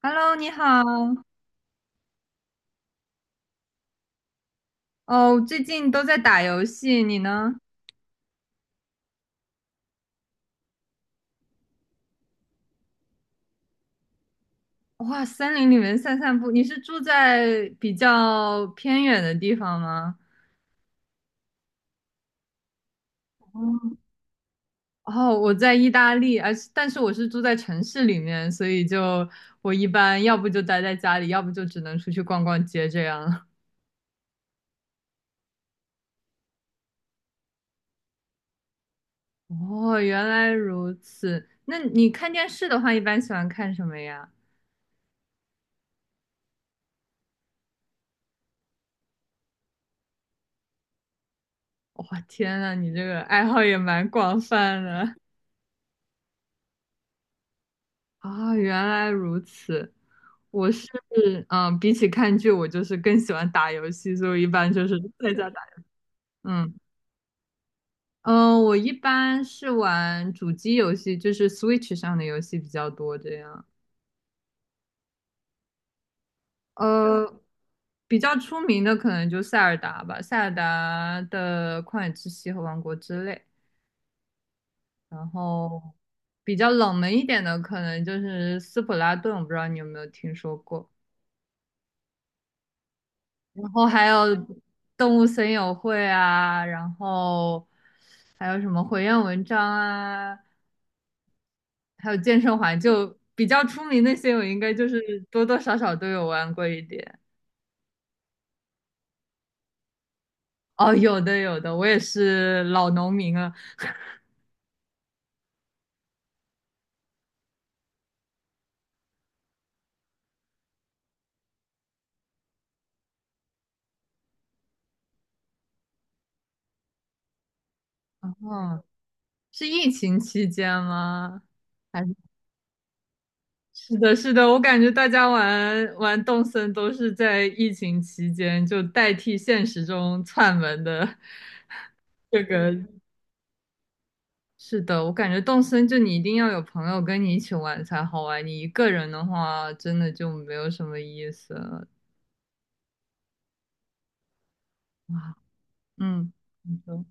Hello，你好。哦，最近都在打游戏，你呢？哇，森林里面散散步。你是住在比较偏远的地方吗？哦，哦我在意大利，但是我是住在城市里面，所以就我一般要不就待在家里，要不就只能出去逛逛街这样。哦，原来如此。那你看电视的话，一般喜欢看什么呀？哇，天呐，你这个爱好也蛮广泛的啊 原来如此。我是嗯，比起看剧，我就是更喜欢打游戏，所以我一般就是在家打。嗯嗯，我一般是玩主机游戏，就是 Switch 上的游戏比较多，这样。呃，比较出名的可能就塞尔达吧，塞尔达的旷野之息和王国之泪。然后比较冷门一点的，可能就是斯普拉顿，我不知道你有没有听说过。然后还有动物森友会啊，然后还有什么火焰文章啊，还有健身环，就比较出名那些，我应该就是多多少少都有玩过一点。哦，有的有的，我也是老农民了。哦，是疫情期间吗？还是是的，是的，我感觉大家玩玩动森都是在疫情期间，就代替现实中串门的 这个是的，我感觉动森就你一定要有朋友跟你一起玩才好玩，你一个人的话真的就没有什么意思了。哇，嗯，你说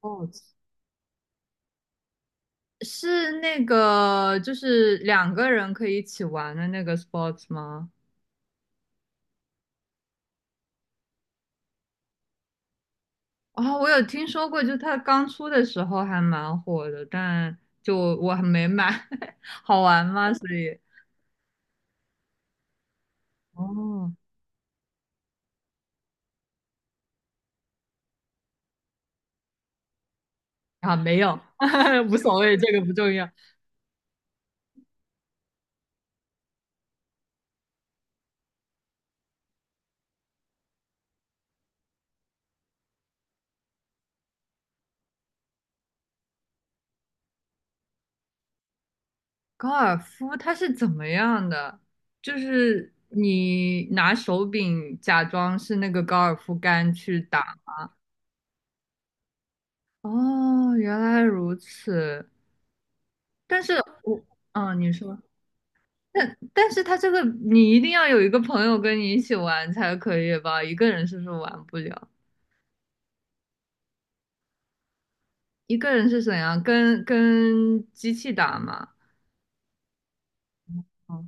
哦，是那个就是两个人可以一起玩的那个 sports 吗？啊、我有听说过，就它刚出的时候还蛮火的，但就我还没买，好玩吗？所以哦，啊，没有，无所谓，这个不重要。高尔夫它是怎么样的？就是你拿手柄假装是那个高尔夫杆去打。哦，原来如此。但是我，嗯，你说，但是它这个你一定要有一个朋友跟你一起玩才可以吧？一个人是不是玩不了？一个人是怎样？跟机器打嘛？哦，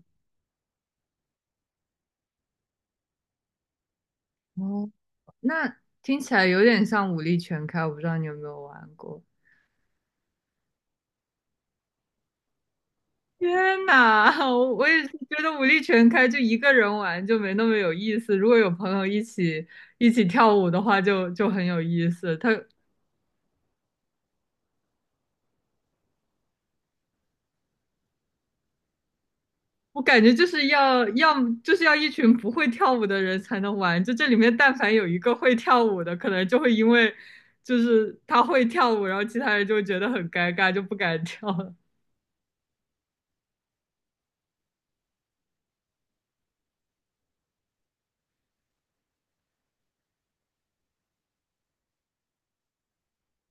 哦，那听起来有点像武力全开，我不知道你有没有玩过。天呐，我也是觉得武力全开，就一个人玩就没那么有意思。如果有朋友一起一起跳舞的话就，就很有意思。他我感觉就是要么就是要一群不会跳舞的人才能玩。就这里面，但凡有一个会跳舞的，可能就会因为就是他会跳舞，然后其他人就会觉得很尴尬，就不敢跳了。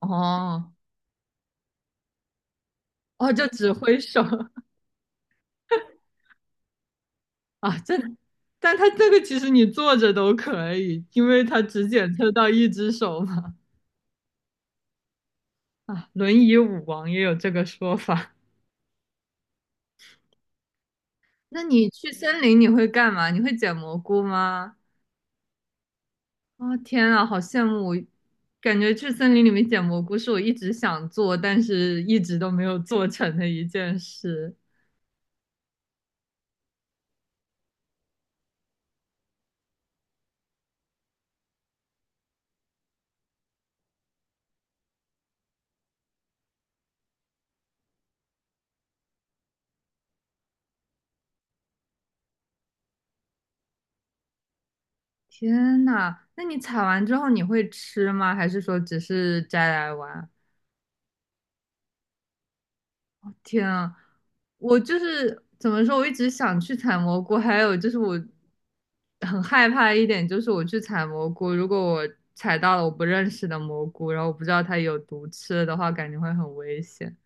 哦哦，就只挥手 啊，这，但他这个其实你坐着都可以，因为他只检测到一只手嘛。啊，轮椅舞王也有这个说法。那你去森林你会干嘛？你会捡蘑菇吗？哦，天啊，好羡慕！我感觉去森林里面捡蘑菇是我一直想做，但是一直都没有做成的一件事。天呐，那你采完之后你会吃吗？还是说只是摘来玩？天啊，我就是怎么说，我一直想去采蘑菇，还有就是我很害怕一点就是我去采蘑菇，如果我采到了我不认识的蘑菇，然后我不知道它有毒吃了的话，感觉会很危险。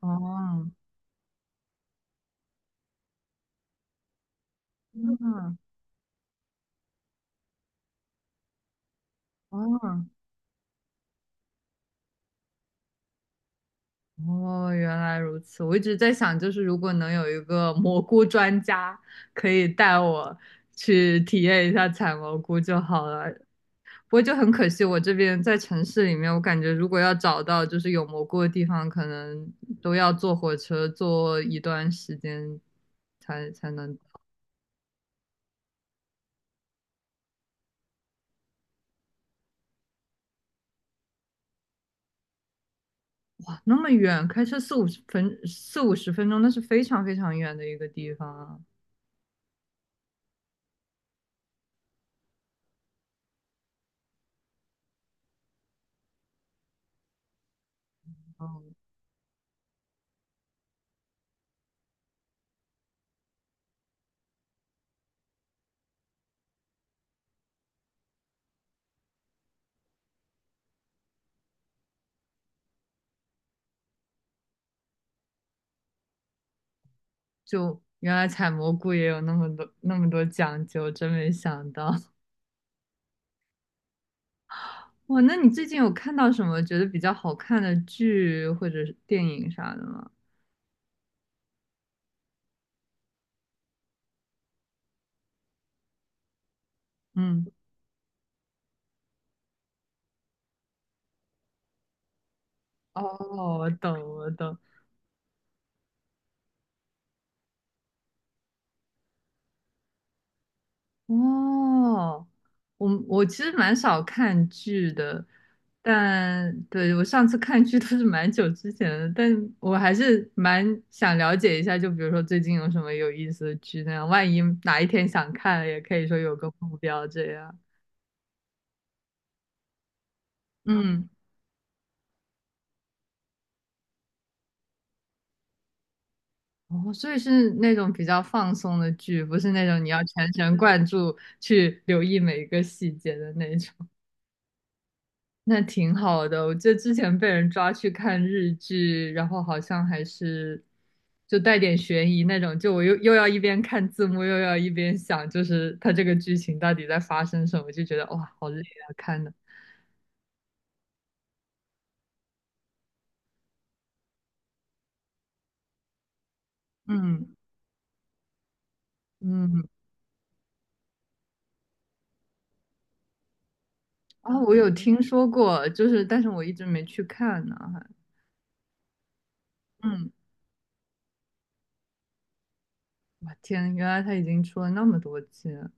哦，嗯，哦，哦，原来如此。我一直在想，就是如果能有一个蘑菇专家，可以带我去体验一下采蘑菇就好了。不过就很可惜，我这边在城市里面，我感觉如果要找到就是有蘑菇的地方，可能都要坐火车坐一段时间才能啊，那么远，开车四五十分钟，那是非常远的一个地方啊。哦就原来采蘑菇也有那么多讲究，真没想到。哇，那你最近有看到什么觉得比较好看的剧或者是电影啥的吗？嗯，哦，我懂，我懂。哦，我其实蛮少看剧的，但对我上次看剧都是蛮久之前的，但我还是蛮想了解一下，就比如说最近有什么有意思的剧那样，万一哪一天想看了，也可以说有个目标这样。嗯。哦，所以是那种比较放松的剧，不是那种你要全神贯注去留意每一个细节的那种。那挺好的，我记得之前被人抓去看日剧，然后好像还是就带点悬疑那种，就我又要一边看字幕，又要一边想，就是它这个剧情到底在发生什么，就觉得哇，好累啊，看的。嗯嗯，啊，我有听说过，就是但是我一直没去看呢，还嗯，我天，原来他已经出了那么多季了。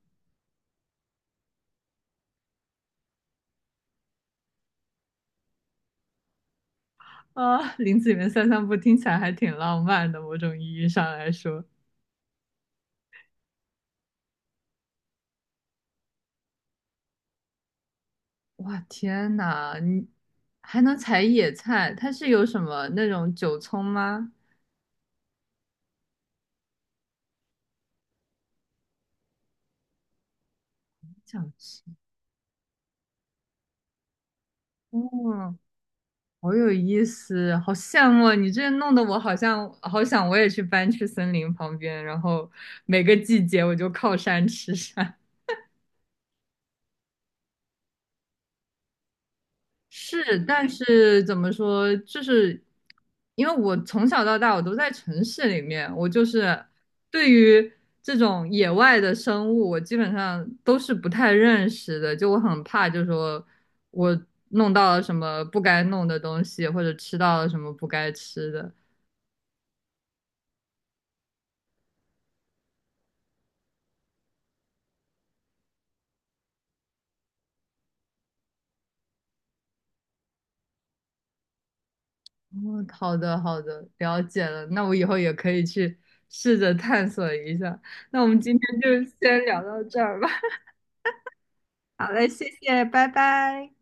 啊，林子里面散散步听起来还挺浪漫的，某种意义上来说，哇，天呐，你还能采野菜？它是有什么那种韭葱吗？想吃，哦，好有意思，好羡慕你，这弄得我好像好想我也去搬去森林旁边，然后每个季节我就靠山吃山。是，但是怎么说，就是因为我从小到大我都在城市里面，我就是对于这种野外的生物，我基本上都是不太认识的，就我很怕，就说我弄到了什么不该弄的东西，或者吃到了什么不该吃的。哦，好的，好的，了解了，那我以后也可以去试着探索一下。那我们今天就先聊到这儿吧。好嘞，谢谢，拜拜。